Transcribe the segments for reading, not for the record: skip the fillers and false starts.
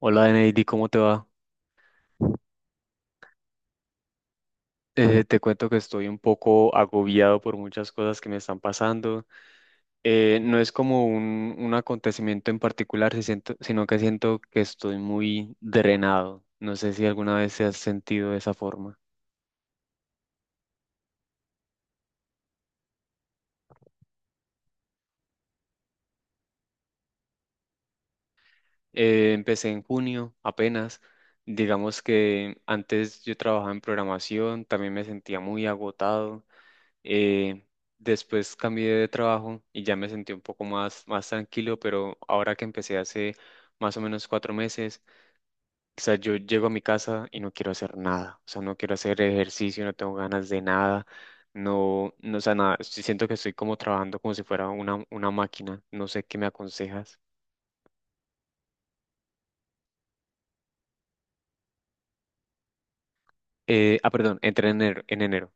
Hola, Neidi, ¿cómo te va? Te cuento que estoy un poco agobiado por muchas cosas que me están pasando. No es como un acontecimiento en particular, si siento- sino que siento que estoy muy drenado. No sé si alguna vez se has sentido de esa forma. Empecé en junio apenas. Digamos que antes yo trabajaba en programación, también me sentía muy agotado. Eh, después cambié de trabajo y ya me sentí un poco más tranquilo, pero ahora que empecé hace más o menos 4 meses, o sea, yo llego a mi casa y no quiero hacer nada, o sea, no quiero hacer ejercicio, no tengo ganas de nada, no, no, o sea, nada, sí siento que estoy como trabajando como si fuera una máquina, no sé qué me aconsejas. Perdón, entré en enero, en enero.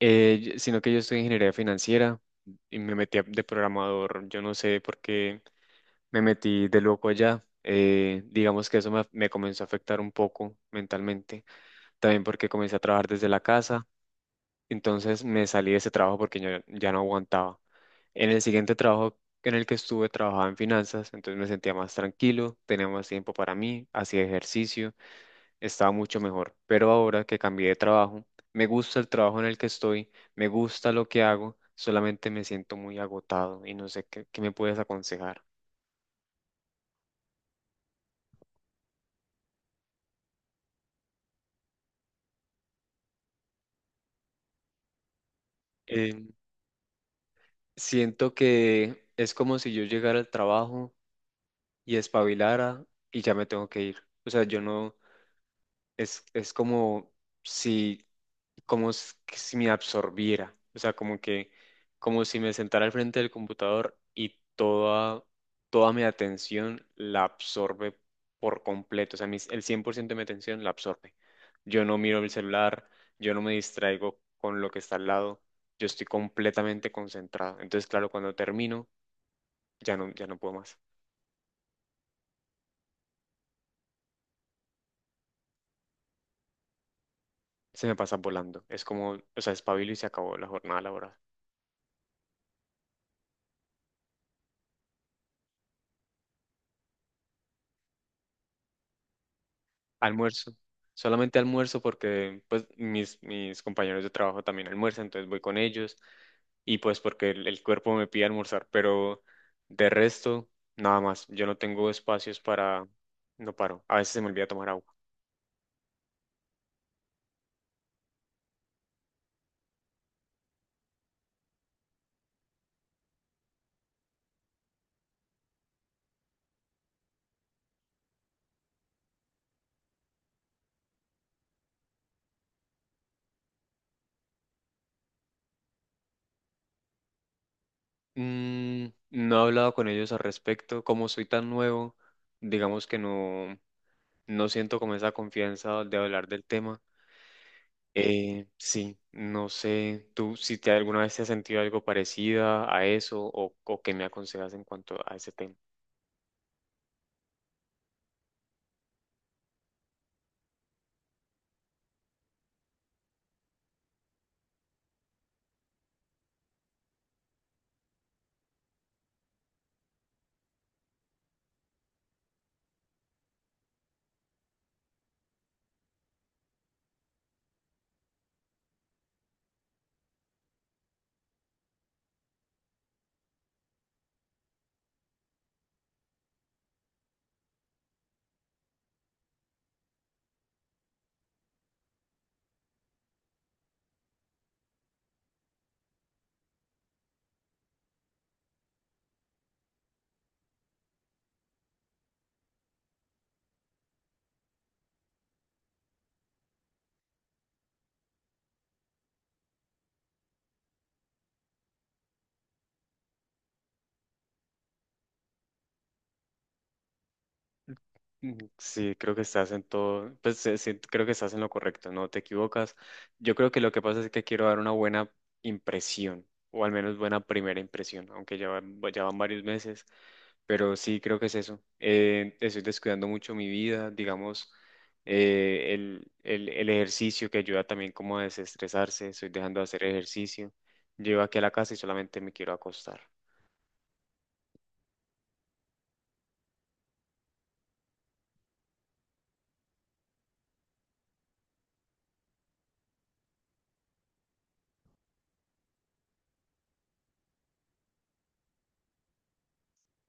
Sino que yo estoy en ingeniería financiera y me metí de programador, yo no sé por qué. Me metí de loco allá. Digamos que eso me comenzó a afectar un poco mentalmente, también porque comencé a trabajar desde la casa, entonces me salí de ese trabajo porque yo ya no aguantaba. En el siguiente trabajo en el que estuve trabajaba en finanzas, entonces me sentía más tranquilo, tenía más tiempo para mí, hacía ejercicio, estaba mucho mejor. Pero ahora que cambié de trabajo, me gusta el trabajo en el que estoy, me gusta lo que hago, solamente me siento muy agotado y no sé qué me puedes aconsejar. Siento que es como si yo llegara al trabajo y espabilara y ya me tengo que ir. O sea, yo no, es como si, que si me absorbiera. O sea, como que, como si me sentara al frente del computador y toda mi atención la absorbe por completo. O sea, el 100% de mi atención la absorbe. Yo no miro el celular, yo no me distraigo con lo que está al lado. Yo estoy completamente concentrado. Entonces, claro, cuando termino, ya no, ya no puedo más. Se me pasa volando. Es como, o sea, espabilo y se acabó la jornada laboral. Almuerzo. Solamente almuerzo porque pues mis compañeros de trabajo también almuerzan, entonces voy con ellos y pues porque el cuerpo me pide almorzar, pero de resto, nada más. Yo no tengo espacios para. No paro. A veces se me olvida tomar agua. No he hablado con ellos al respecto. Como soy tan nuevo, digamos que no, no siento como esa confianza de hablar del tema. Sí, no sé, tú si te alguna vez te has sentido algo parecida a eso o qué me aconsejas en cuanto a ese tema. Mm, sí, creo que estás en todo, pues sí, sí, creo que estás en lo correcto, no te equivocas. Yo creo que lo que pasa es que quiero dar una buena impresión, o al menos buena primera impresión, aunque ya van varios meses, pero sí creo que es eso. Estoy descuidando mucho mi vida, digamos, el ejercicio que ayuda también como a desestresarse, estoy dejando de hacer ejercicio, llego aquí a la casa y solamente me quiero acostar.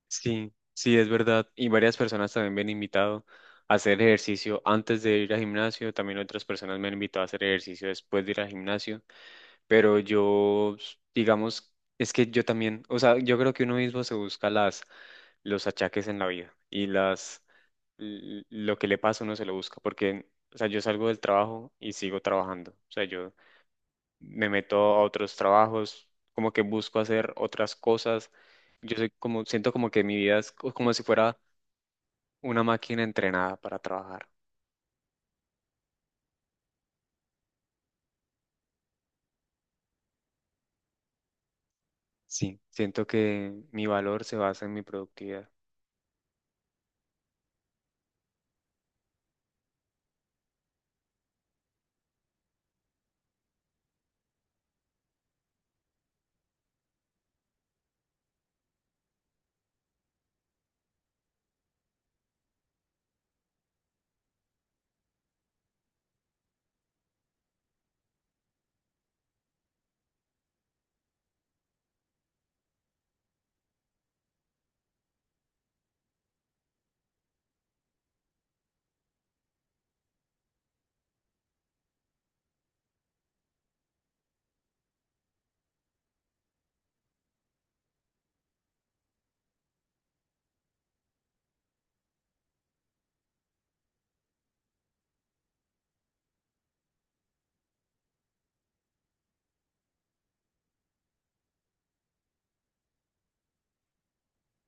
Sí, sí, es verdad. Y varias personas también me han invitado a hacer ejercicio antes de ir al gimnasio. También otras personas me han invitado a hacer ejercicio después de ir al gimnasio. Pero yo, digamos, es que yo también, o sea, yo creo que uno mismo se busca las, los achaques en la vida y lo que le pasa uno se lo busca. Porque, o sea, yo salgo del trabajo y sigo trabajando. O sea, yo me meto a otros trabajos, como que busco hacer otras cosas. Yo soy como, siento como que mi vida es como si fuera una máquina entrenada para trabajar. Sí, siento que mi valor se basa en mi productividad.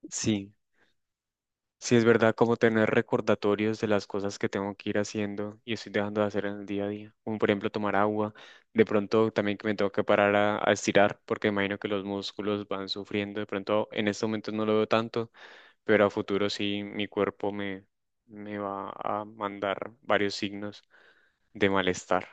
Sí, sí es verdad como tener recordatorios de las cosas que tengo que ir haciendo y estoy dejando de hacer en el día a día. Como por ejemplo tomar agua, de pronto también que me tengo que parar a estirar porque imagino que los músculos van sufriendo. De pronto en este momento no lo veo tanto, pero a futuro sí mi cuerpo me va a mandar varios signos de malestar.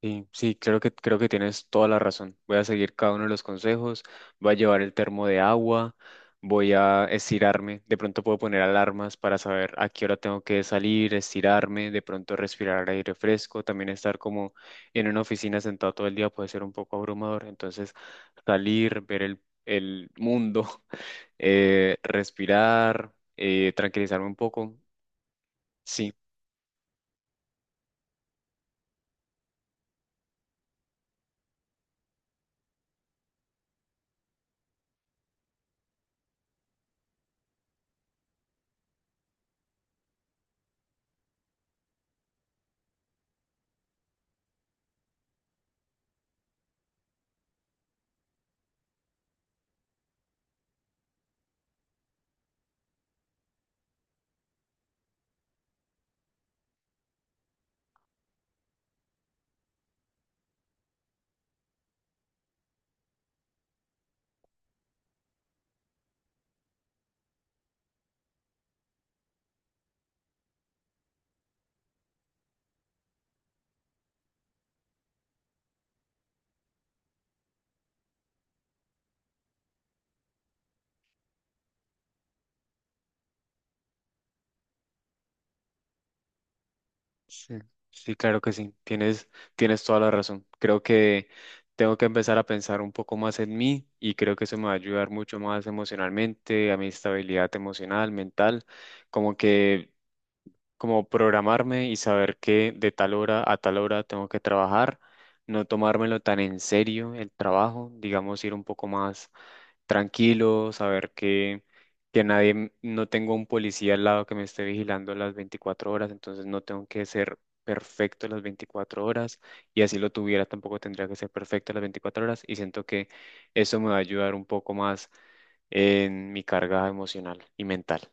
Sí, sí, creo que, tienes toda la razón. Voy a seguir cada uno de los consejos, voy a llevar el termo de agua, voy a estirarme, de pronto puedo poner alarmas para saber a qué hora tengo que salir, estirarme, de pronto respirar aire fresco, también estar como en una oficina sentado todo el día puede ser un poco abrumador, entonces salir, ver el mundo, respirar, tranquilizarme un poco. Sí, sí, sí, claro que sí. Tienes toda la razón. Creo que tengo que empezar a pensar un poco más en mí y creo que eso me va a ayudar mucho más emocionalmente, a mi estabilidad emocional, mental, como que, como programarme y saber que de tal hora a tal hora tengo que trabajar, no tomármelo tan en serio el trabajo, digamos, ir un poco más tranquilo, saber que nadie, m- no tengo un policía al lado que me esté vigilando las 24 horas, entonces no tengo que ser perfecto las 24 horas y así lo tuviera, tampoco tendría que ser perfecto las 24 horas y siento que eso me va a ayudar un poco más en mi carga emocional y mental.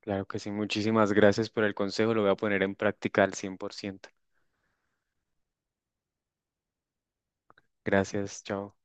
Claro que sí, muchísimas gracias por el consejo, lo voy a poner en práctica al 100%. Gracias, chao.